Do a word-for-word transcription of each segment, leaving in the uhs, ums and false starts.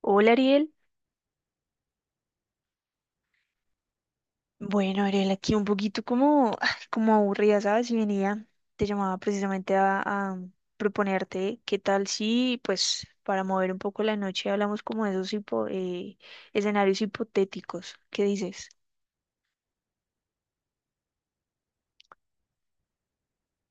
Hola, Ariel. Bueno, Ariel, aquí un poquito como, ay, como aburrida, ¿sabes? Y venía, te llamaba precisamente a, a proponerte qué tal si, pues, para mover un poco la noche hablamos como de esos hipo- eh, escenarios hipotéticos. ¿Qué dices?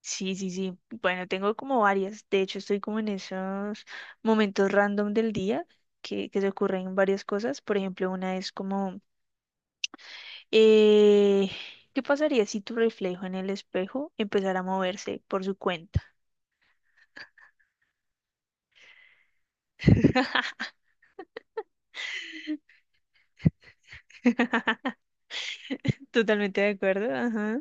Sí, sí, sí. Bueno, tengo como varias. De hecho, estoy como en esos momentos random del día que, que se ocurren varias cosas. Por ejemplo, una es como Eh, ¿qué pasaría si tu reflejo en el espejo empezara a moverse por su cuenta? Totalmente de acuerdo, ajá.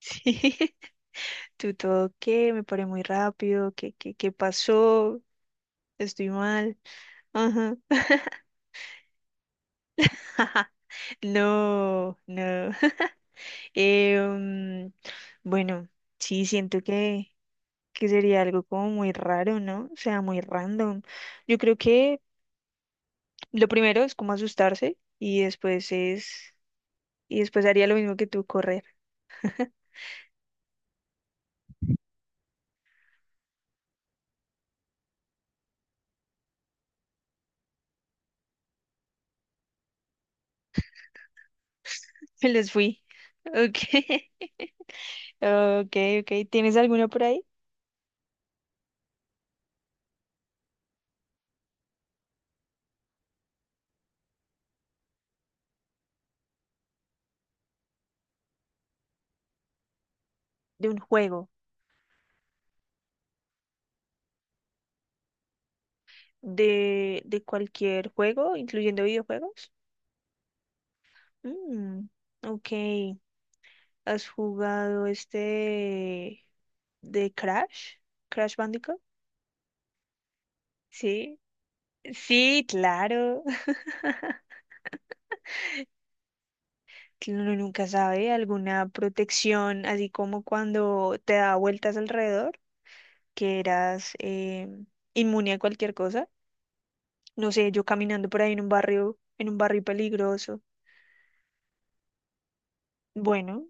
Sí, tú todo, ¿qué? Me paré muy rápido, ¿qué, qué, qué pasó? Estoy mal, ajá. No, no. Eh, mm, bueno, sí, siento que, que sería algo como muy raro, ¿no? O sea, muy random. Yo creo que lo primero es como asustarse y después es... Y después haría lo mismo que tú, correr. Me les fui. Ok. Ok, ok. ¿Tienes alguno por ahí? De un juego. De, de cualquier juego, incluyendo videojuegos. Mm, ok. ¿Has jugado este de Crash? ¿Crash Bandicoot? Sí. Sí, claro. Uno nunca sabe. Alguna protección, así como cuando te da vueltas alrededor, que eras eh, inmune a cualquier cosa. No sé, yo caminando por ahí en un barrio, en un barrio peligroso. Bueno,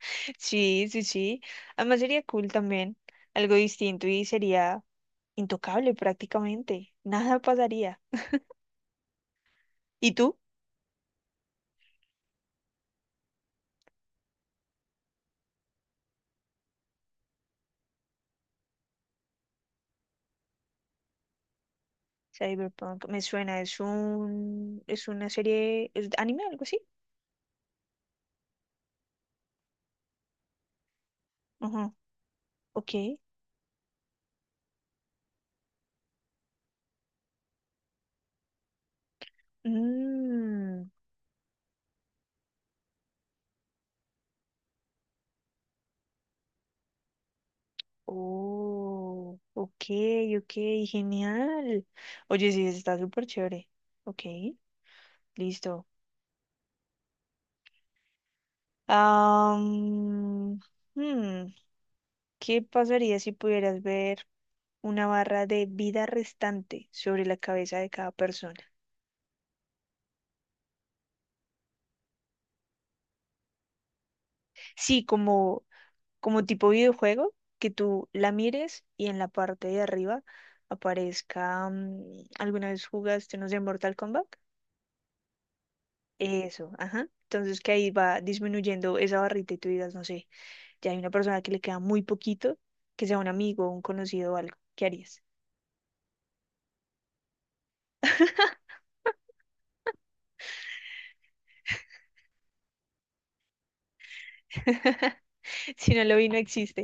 sí, sí, sí. Además sería cool también, algo distinto y sería intocable prácticamente. Nada pasaría. ¿Y tú? Cyberpunk me suena, es un, es una serie, es de anime, algo así. Ajá, ok. Mm, oh, ok, ok, genial. Oye, sí, está súper chévere. Ok. Listo. Am, hmm, ¿qué pasaría si pudieras ver una barra de vida restante sobre la cabeza de cada persona? Sí, como, como tipo videojuego, que tú la mires y en la parte de arriba aparezca, mm, ¿alguna vez jugaste, no sé, Mortal Kombat? Eso, ajá. Entonces que ahí va disminuyendo esa barrita y tú digas, no sé, ya hay una persona que le queda muy poquito, que sea un amigo, un conocido o algo. ¿Qué harías? Si no lo vi, no existe.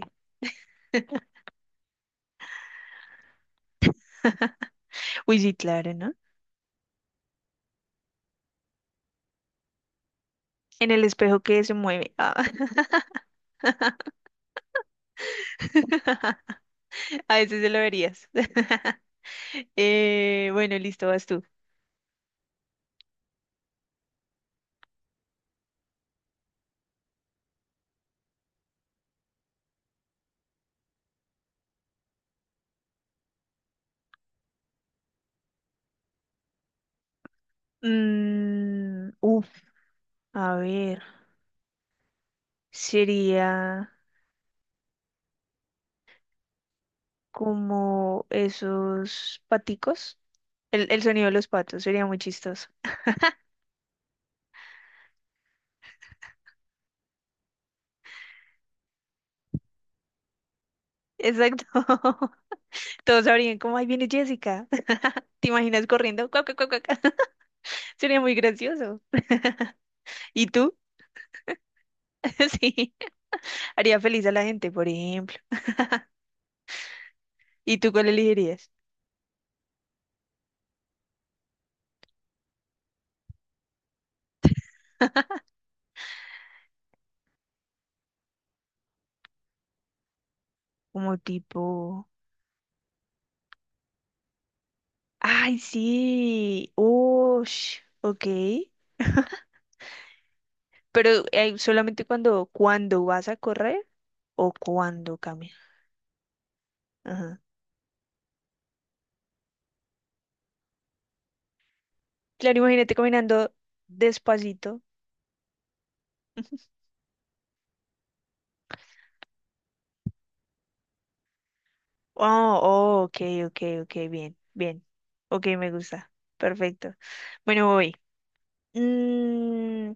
Uy, sí, claro, ¿no? En el espejo que se mueve. Ah. A veces se lo verías. Eh, bueno, listo, vas tú. Mm, uf, a ver, sería como esos paticos. El, el sonido de los patos sería muy chistoso. Exacto. Todos sabrían como, ahí viene Jessica. ¿Te imaginas corriendo? Cuac, cuac, cuac, cuac. Sería muy gracioso. ¿Y tú? Sí, haría feliz a la gente, por ejemplo. ¿Y tú cuál elegirías? Como tipo, ay, sí, oh, ok. Pero eh, solamente cuando, cuando vas a correr o cuando caminas. Ajá. Claro, imagínate caminando despacito. Oh, oh, ok, ok, ok, bien, bien. Ok, me gusta. Perfecto. Bueno, voy. Mm,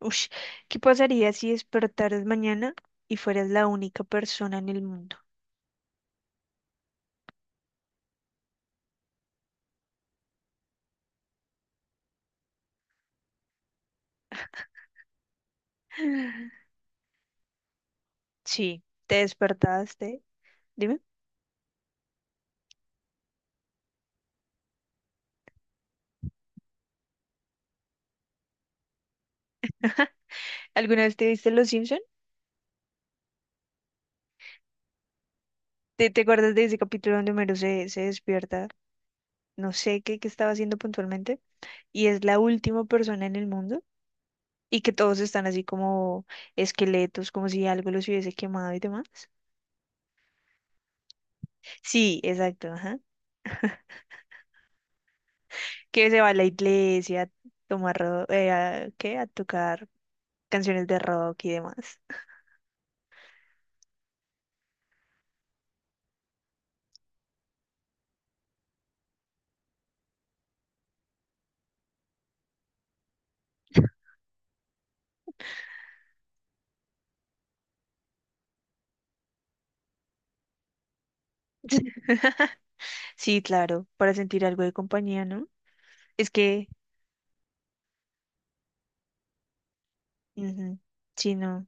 ush, ¿qué pasaría si despertaras mañana y fueras la única persona en el mundo? Sí, te despertaste. Dime, ¿alguna vez te viste Los Simpson? ¿Te, te acuerdas de ese capítulo donde Homero se, se despierta? No sé qué, qué estaba haciendo puntualmente. Y es la última persona en el mundo. Y que todos están así como esqueletos, como si algo los hubiese quemado y demás. Sí, exacto, ajá. Que se va a la iglesia a tomar, ro- eh, a- ¿qué? A tocar canciones de rock y demás. Sí, claro, para sentir algo de compañía, ¿no? Es que, ujú, sí, no.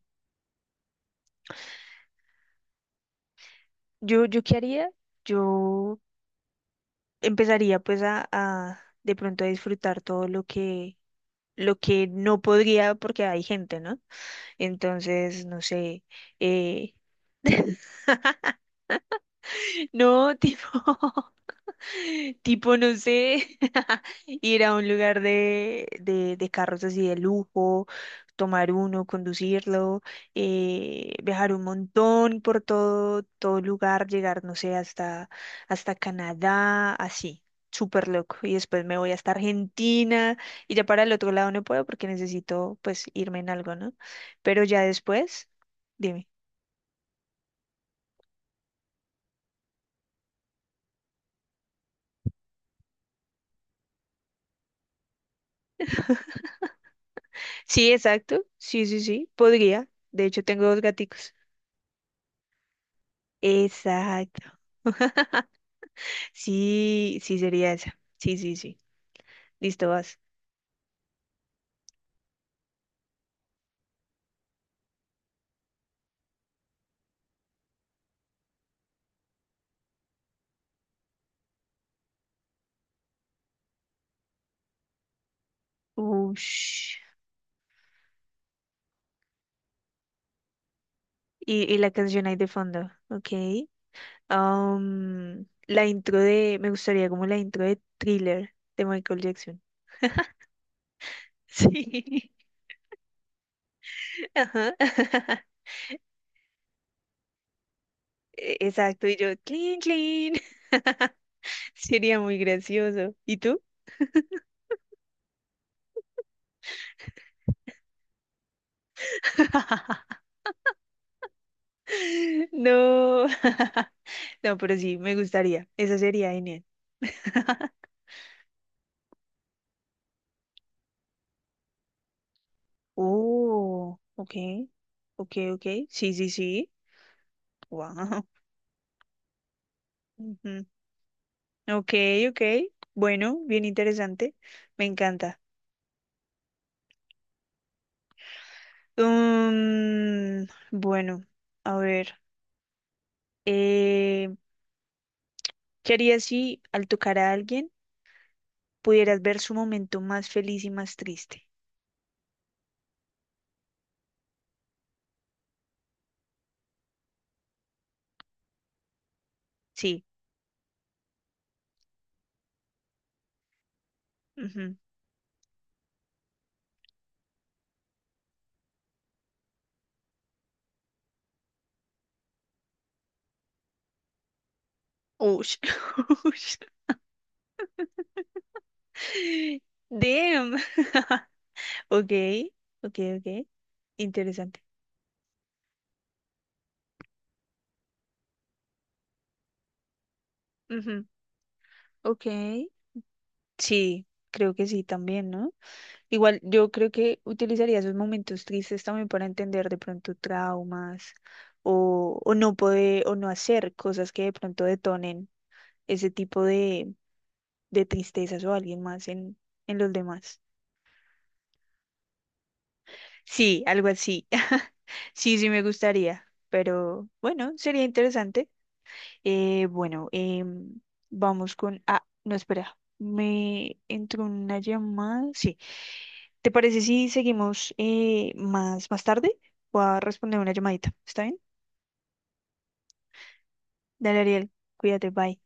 Yo, yo qué haría, yo empezaría pues a, a de pronto a disfrutar todo lo que, lo que no podría porque hay gente, ¿no? Entonces, no sé, eh, no, tipo, Tipo, no sé, ir a un lugar de, de, de carros así de lujo, tomar uno, conducirlo, eh, viajar un montón por todo, todo lugar, llegar, no sé, hasta, hasta Canadá, así, súper loco. Y después me voy hasta Argentina y ya para el otro lado no puedo porque necesito pues irme en algo, ¿no? Pero ya después, dime. Sí, exacto, sí, sí, sí, podría. De hecho, tengo dos gaticos. Exacto. Sí, sí sería esa. Sí, sí, sí. Listo, vas. Ush. Y, y la canción ahí de fondo. Ok. Am, la intro de. Me gustaría como la intro de Thriller de Michael Jackson. Sí. Ajá. E- Exacto. Y yo, clean, clean. Sería muy gracioso. ¿Y tú? No. No, pero sí, me gustaría. Esa sería genial. Oh, ok. Ok, ok. Sí, sí, sí. Wow. Ujú. Ok, ok. Bueno, bien interesante. Me encanta. Mm, bueno, a ver. eh, ¿qué harías si al tocar a alguien pudieras ver su momento más feliz y más triste? Sí. Ujú. Ush. Ush. Damn. Ok, ok, ok. Interesante. Ujú. Ok. Sí, creo que sí también, ¿no? Igual yo creo que utilizaría esos momentos tristes también para entender de pronto traumas o, o no poder o no hacer cosas que de pronto detonen ese tipo de, de tristezas o alguien más en, en los demás. Sí, algo así. Sí, sí me gustaría, pero bueno, sería interesante. Eh, bueno, em, vamos con... Ah, no, espera, me entró una llamada. Sí. ¿Te parece si seguimos eh, más, más tarde? Voy a responder una llamadita. ¿Está bien? Dale, Ariel. Cuídate, bye.